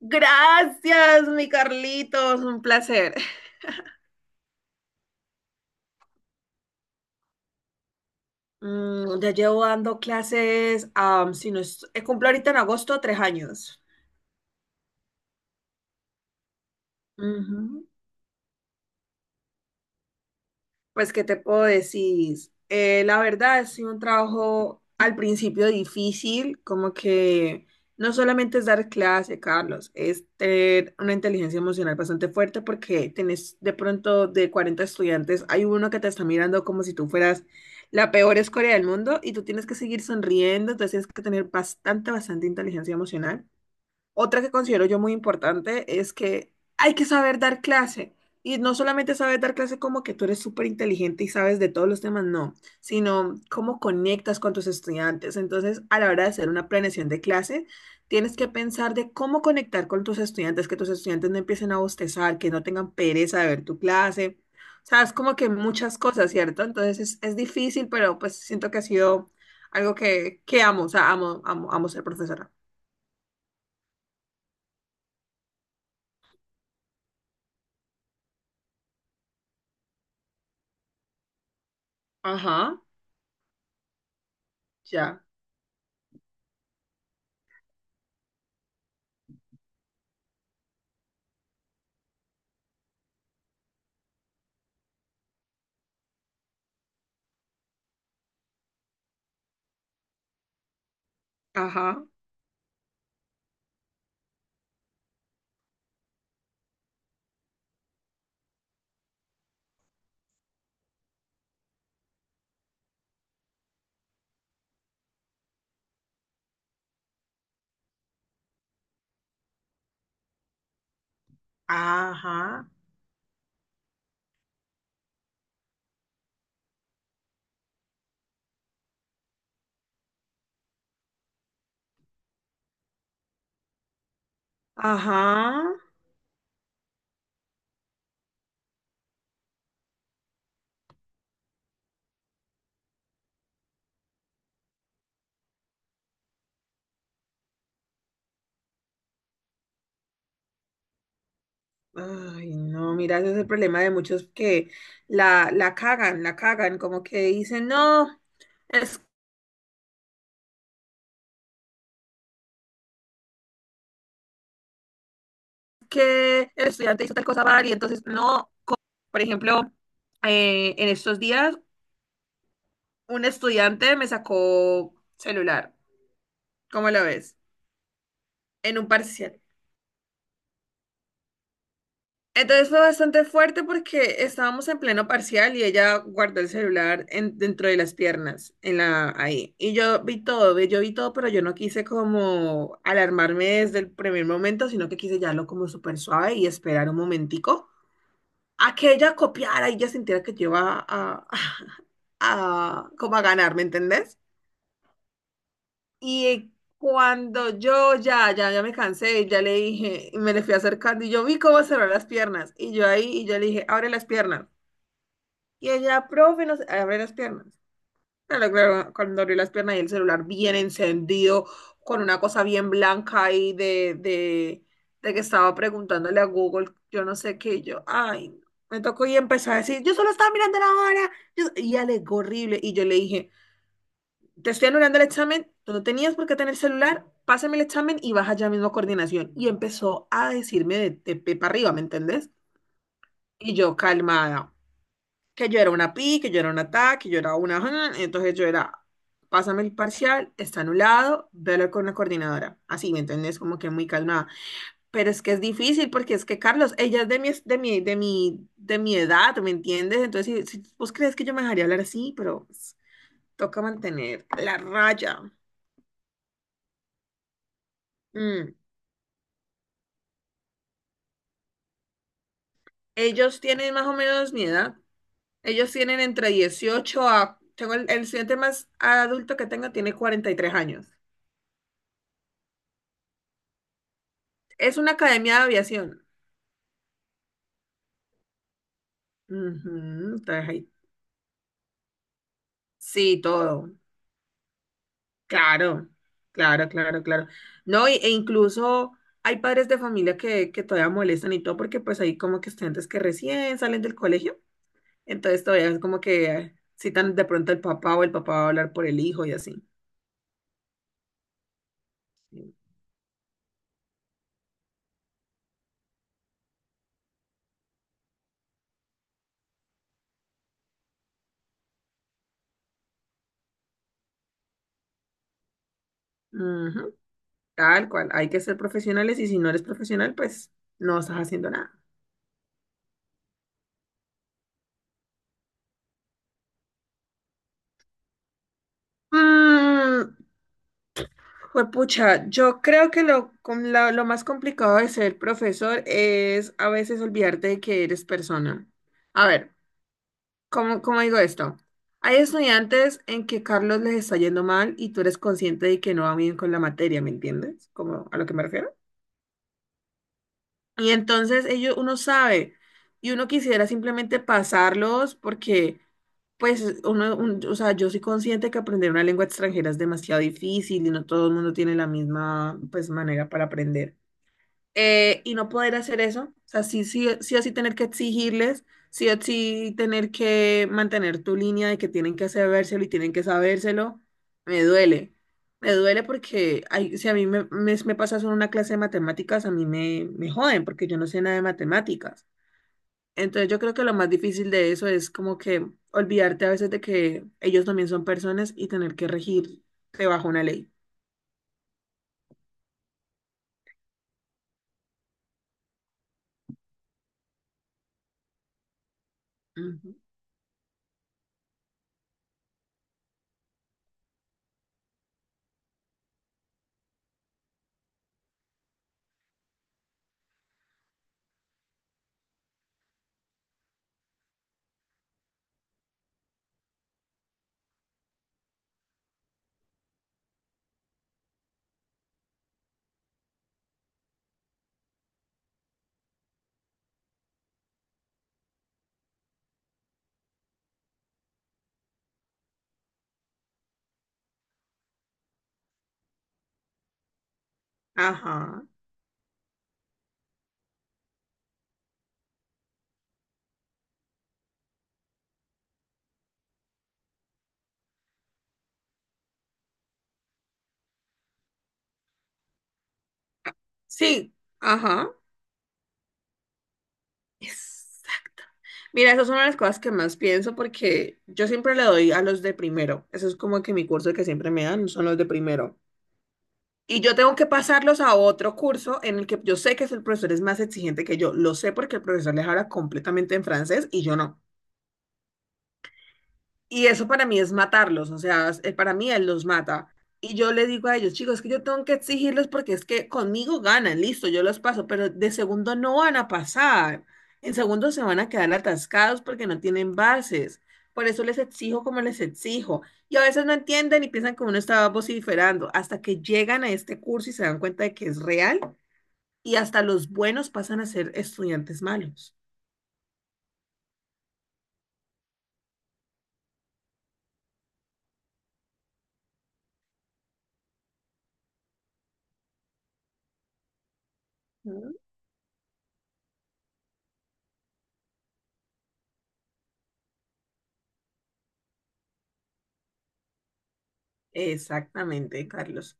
Gracias, mi Carlitos, un placer. Ya llevo dando clases, si no es- cumplo ahorita en agosto 3 años. Ujú. Pues, ¿qué te puedo decir? La verdad, es un trabajo al principio difícil, como que no solamente es dar clase, Carlos, es tener una inteligencia emocional bastante fuerte porque tenés de pronto de 40 estudiantes, hay uno que te está mirando como si tú fueras la peor escoria del mundo y tú tienes que seguir sonriendo, entonces tienes que tener bastante, bastante inteligencia emocional. Otra que considero yo muy importante es que hay que saber dar clase. Y no solamente saber dar clase como que tú eres súper inteligente y sabes de todos los temas, no, sino cómo conectas con tus estudiantes. Entonces, a la hora de hacer una planeación de clase, tienes que pensar de cómo conectar con tus estudiantes, que tus estudiantes no empiecen a bostezar, que no tengan pereza de ver tu clase. O sea, es como que muchas cosas, ¿cierto? Entonces, es difícil, pero pues siento que ha sido algo que amo, o sea, amo, amo, amo ser profesora. Ajá, ya. Ajá, ajá. Ajá. Ay, no, mira, ese es el problema de muchos que la cagan, como que dicen, no, es que el estudiante hizo tal cosa mal y entonces, no, por ejemplo, en estos días un estudiante me sacó celular, ¿cómo lo ves? En un parcial. Entonces fue bastante fuerte porque estábamos en pleno parcial y ella guardó el celular dentro de las piernas, ahí. Y yo vi todo, pero yo no quise como alarmarme desde el primer momento, sino que quise llevarlo como súper suave y esperar un momentico a que ella copiara y ella sintiera que yo iba a, a, como a ganar, ¿me entendés? Y cuando yo ya me cansé, ya le dije, y me le fui acercando y yo vi cómo cerró las piernas. Y yo ahí, y yo le dije, abre las piernas. Y ella, profe, no sé, abre las piernas. Claro, claro, cuando abrió las piernas y el celular bien encendido, con una cosa bien blanca ahí de que estaba preguntándole a Google, yo no sé qué, y yo, ay, no. Me tocó y empezó a decir, yo solo estaba mirando la hora. Y alegó horrible. Y yo le dije, te estoy anulando el examen, tú no tenías por qué tener celular, pásame el examen y baja ya mismo a coordinación. Y empezó a decirme de pe para arriba, ¿me entendés? Y yo calmada, que yo era una pi, que yo era una ta, que yo era una... ja, entonces yo era, pásame el parcial, está anulado, velo con la coordinadora. Así, ¿me entendés? Como que muy calmada. Pero es que es difícil porque es que, Carlos, ella es de mi edad, ¿me entiendes? Entonces, si vos crees que yo me dejaría hablar así, pero pues, toca mantener la raya. Mm. Ellos tienen más o menos mi edad. Ellos tienen entre 18 a... Tengo el estudiante más adulto que tengo tiene 43 años. Es una academia de aviación. Ujú, traje ahí. Sí, todo. Claro, claro, claro, claro. No, e incluso hay padres de familia que todavía molestan y todo porque pues hay como que estudiantes que recién salen del colegio. Entonces todavía es como que citan de pronto al papá o el papá va a hablar por el hijo y así. Ujú. Tal cual, hay que ser profesionales y si no eres profesional, pues no estás haciendo nada. Mm, juepucha, yo creo que lo más complicado de ser profesor es a veces olvidarte de que eres persona. A ver, cómo digo esto? Hay estudiantes en que Carlos les está yendo mal y tú eres consciente de que no va bien con la materia, ¿me entiendes? Como a lo que me refiero. Y entonces ellos, uno sabe y uno quisiera simplemente pasarlos porque o sea, yo soy consciente que aprender una lengua extranjera es demasiado difícil y no todo el mundo tiene la misma, pues, manera para aprender. Y no poder hacer eso, o sea, sí o sí tener que exigirles, sí o sí tener que mantener tu línea de que tienen que sabérselo y tienen que sabérselo, me duele. Me duele porque si a mí me pasa eso en una clase de matemáticas, a mí me joden porque yo no sé nada de matemáticas. Entonces yo creo que lo más difícil de eso es como que olvidarte a veces de que ellos también son personas y tener que regirte bajo una ley. Ujú. Ajá. Sí, ajá. Exacto. Mira, esas son las cosas que más pienso porque yo siempre le doy a los de primero. Eso es como que mi curso que siempre me dan son los de primero. Y yo tengo que pasarlos a otro curso en el que yo sé que el profesor es más exigente que yo. Lo sé porque el profesor les habla completamente en francés y yo no. Y eso para mí es matarlos, o sea, para mí él los mata. Y yo le digo a ellos, chicos, es que yo tengo que exigirles porque es que conmigo ganan, listo, yo los paso, pero de segundo no van a pasar. En segundo se van a quedar atascados porque no tienen bases. Por eso les exijo como les exijo. Y a veces no entienden y piensan que uno estaba vociferando hasta que llegan a este curso y se dan cuenta de que es real y hasta los buenos pasan a ser estudiantes malos. Ujú. Exactamente, Carlos.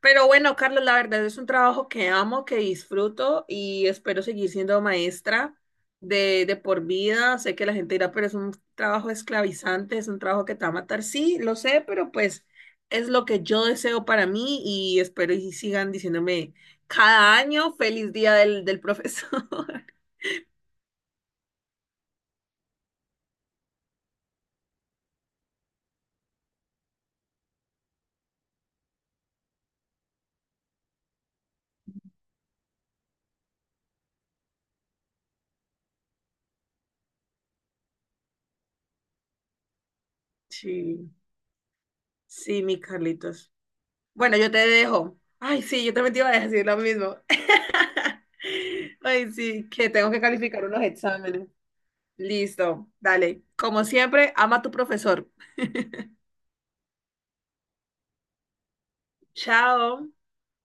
Pero bueno, Carlos, la verdad es un trabajo que amo, que disfruto y espero seguir siendo maestra de por vida. Sé que la gente dirá, pero es un trabajo esclavizante, es un trabajo que te va a matar. Sí, lo sé, pero pues es lo que yo deseo para mí y espero y sigan diciéndome cada año feliz día del profesor. Sí, sí, mi Carlitos. Bueno, yo te dejo. Ay, sí, yo también te iba a decir lo mismo. Ay, sí, que tengo que calificar unos exámenes. Listo, dale. Como siempre, ama a tu profesor. Chao.